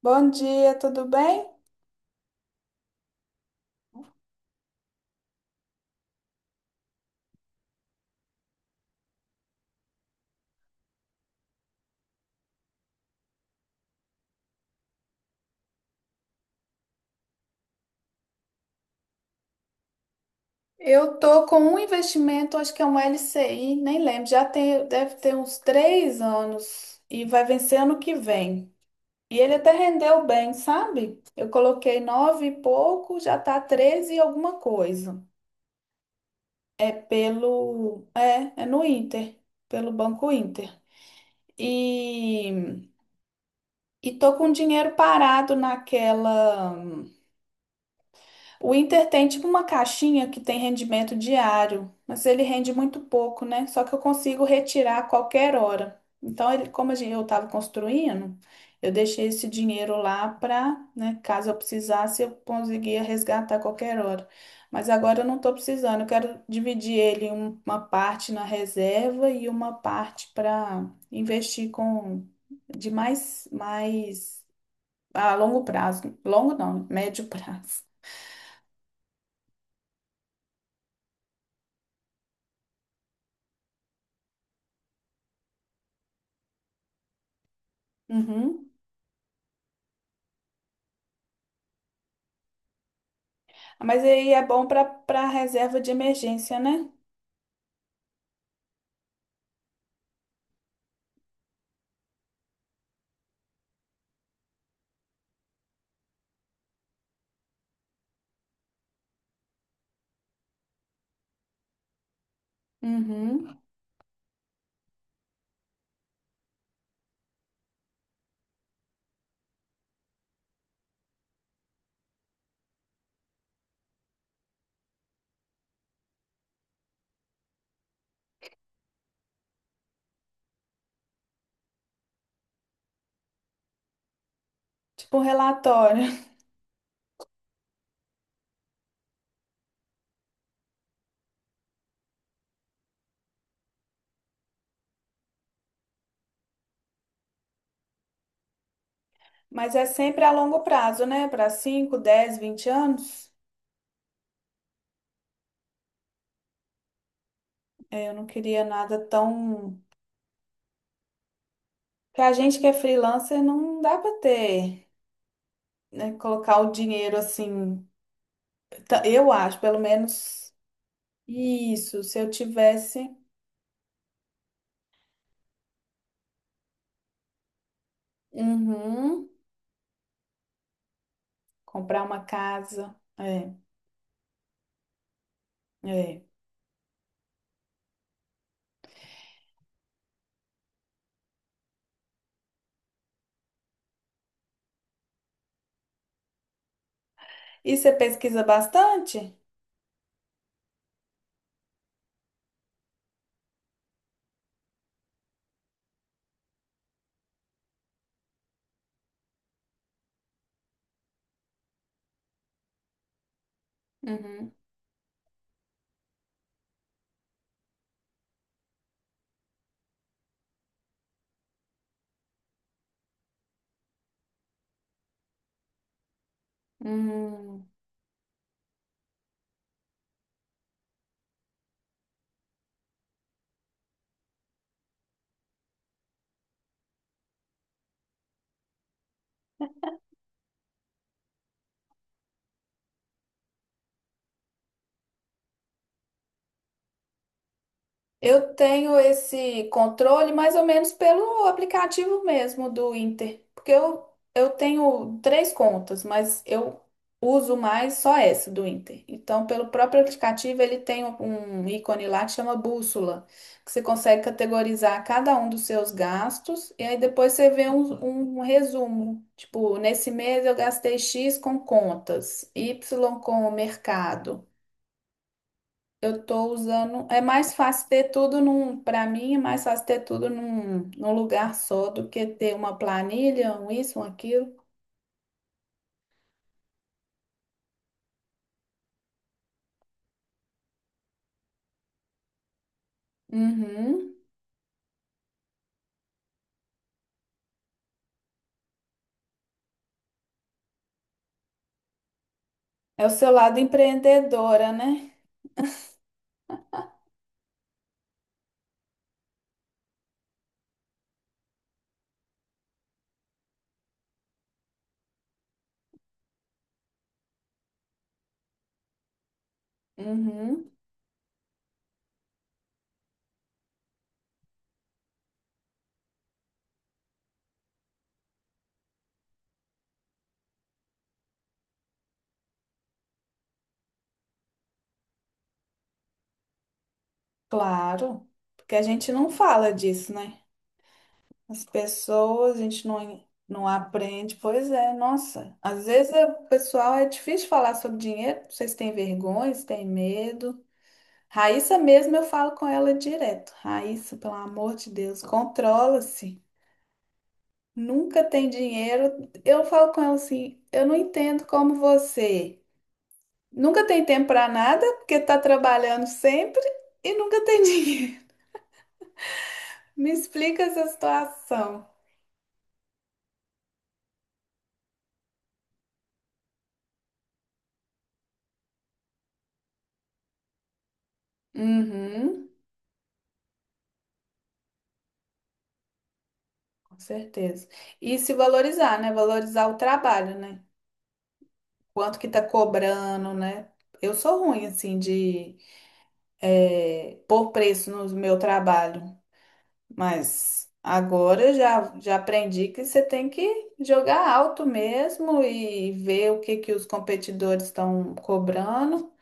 Bom dia, tudo bem? Eu tô com um investimento, acho que é um LCI, nem lembro, já tem, deve ter uns 3 anos e vai vencer ano que vem. E ele até rendeu bem, sabe? Eu coloquei nove e pouco, já tá 13 e alguma coisa. É é no Inter, pelo Banco Inter. E, e tô com dinheiro parado naquela. O Inter tem tipo uma caixinha que tem rendimento diário, mas ele rende muito pouco, né? Só que eu consigo retirar a qualquer hora. Então, ele, como eu estava construindo, eu deixei esse dinheiro lá para, né, caso eu precisasse, eu conseguia resgatar a qualquer hora. Mas agora eu não estou precisando, eu quero dividir ele em uma parte na reserva e uma parte para investir com mais a longo prazo. Longo não, médio prazo. Uhum. Mas aí é bom para reserva de emergência, né? Uhum. Tipo um relatório. Mas é sempre a longo prazo, né? Para 5 10 20 anos. É, eu não queria nada tão. Porque a gente que é freelancer não dá para ter, né? Colocar o dinheiro assim. Ta- Eu acho, pelo menos isso. Se eu tivesse. Uhum. Comprar uma casa. É, é. E você pesquisa bastante? Uhum. Hum. Eu tenho esse controle mais ou menos pelo aplicativo mesmo do Inter, porque eu tenho três contas, mas eu uso mais só essa do Inter. Então, pelo próprio aplicativo, ele tem um ícone lá que chama bússola, que você consegue categorizar cada um dos seus gastos e aí depois você vê um resumo. Tipo, nesse mês eu gastei X com contas, Y com o mercado. Eu tô usando. É mais fácil ter tudo num. Para mim, é mais fácil ter tudo num, num lugar só do que ter uma planilha, um isso, um aquilo. Uhum. É o seu lado empreendedora, né? Uhum. Claro. Porque a gente não fala disso, né? As pessoas, a gente não, não aprende. Pois é, nossa. Às vezes é- o pessoal é difícil falar sobre dinheiro. Vocês têm vergonha, vocês têm medo. Raíssa mesmo, eu falo com ela direto. Raíssa, pelo amor de Deus, controla-se. Nunca tem dinheiro. Eu falo com ela assim, eu não entendo como você nunca tem tempo para nada, porque tá trabalhando sempre e nunca tem dinheiro. Me explica essa situação. Uhum, com certeza. E se valorizar, né? Valorizar o trabalho, né? Quanto que tá cobrando, né? Eu sou ruim, assim, de pôr preço no meu trabalho. Mas agora eu já aprendi que você tem que jogar alto mesmo e ver o que que os competidores estão cobrando,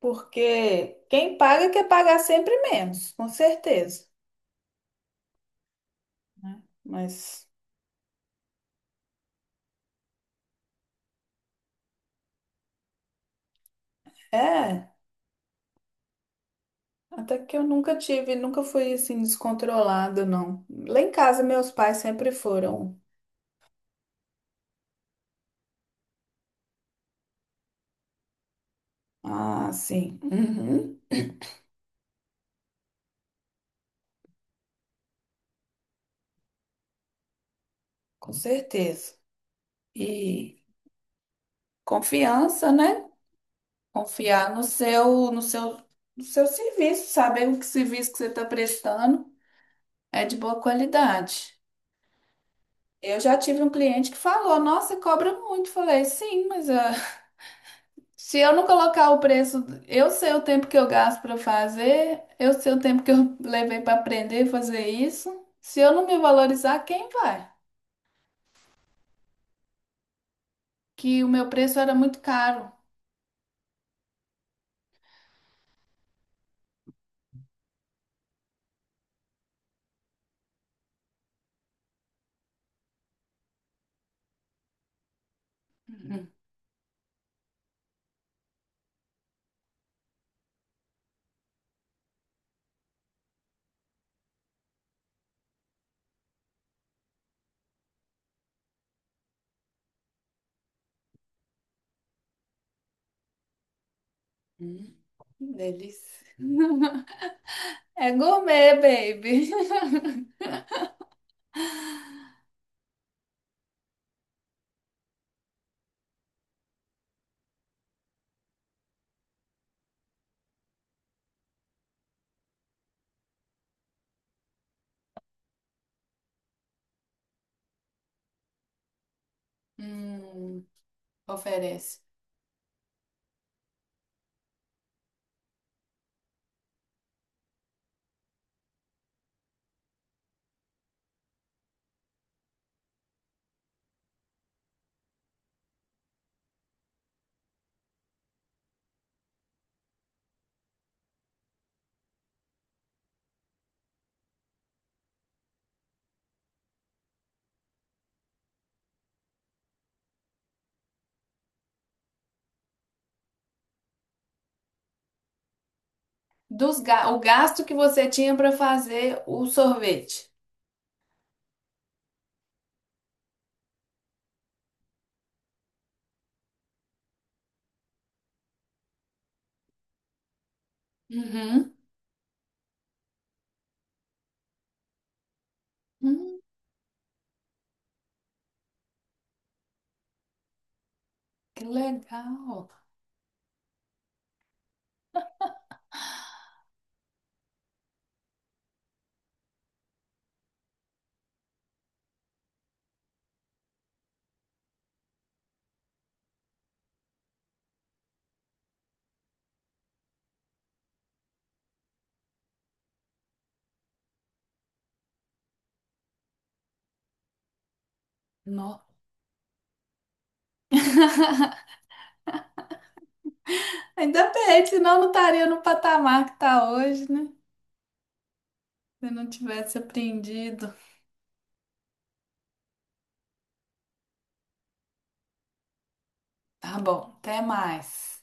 porque quem paga quer pagar sempre menos, com certeza, né? Mas é, até que eu nunca tive, nunca fui assim descontrolada, não. Lá em casa meus pais sempre foram ah, sim, uhum, com certeza. E confiança, né? Confiar no no seu, no seu serviço, saber o que serviço que você está prestando é de boa qualidade. Eu já tive um cliente que falou, nossa, cobra muito. Falei, sim, mas ah, se eu não colocar o preço, eu sei o tempo que eu gasto para fazer, eu sei o tempo que eu levei para aprender a fazer isso. Se eu não me valorizar, quem vai? Que o meu preço era muito caro. Hum, delícia. É gourmet, baby. Hum, oferece. O gasto que você tinha para fazer o sorvete. Uhum. Hum, que legal. No- Ainda bem, senão não estaria no patamar que está hoje, né? Se eu não tivesse aprendido. Tá bom, até mais.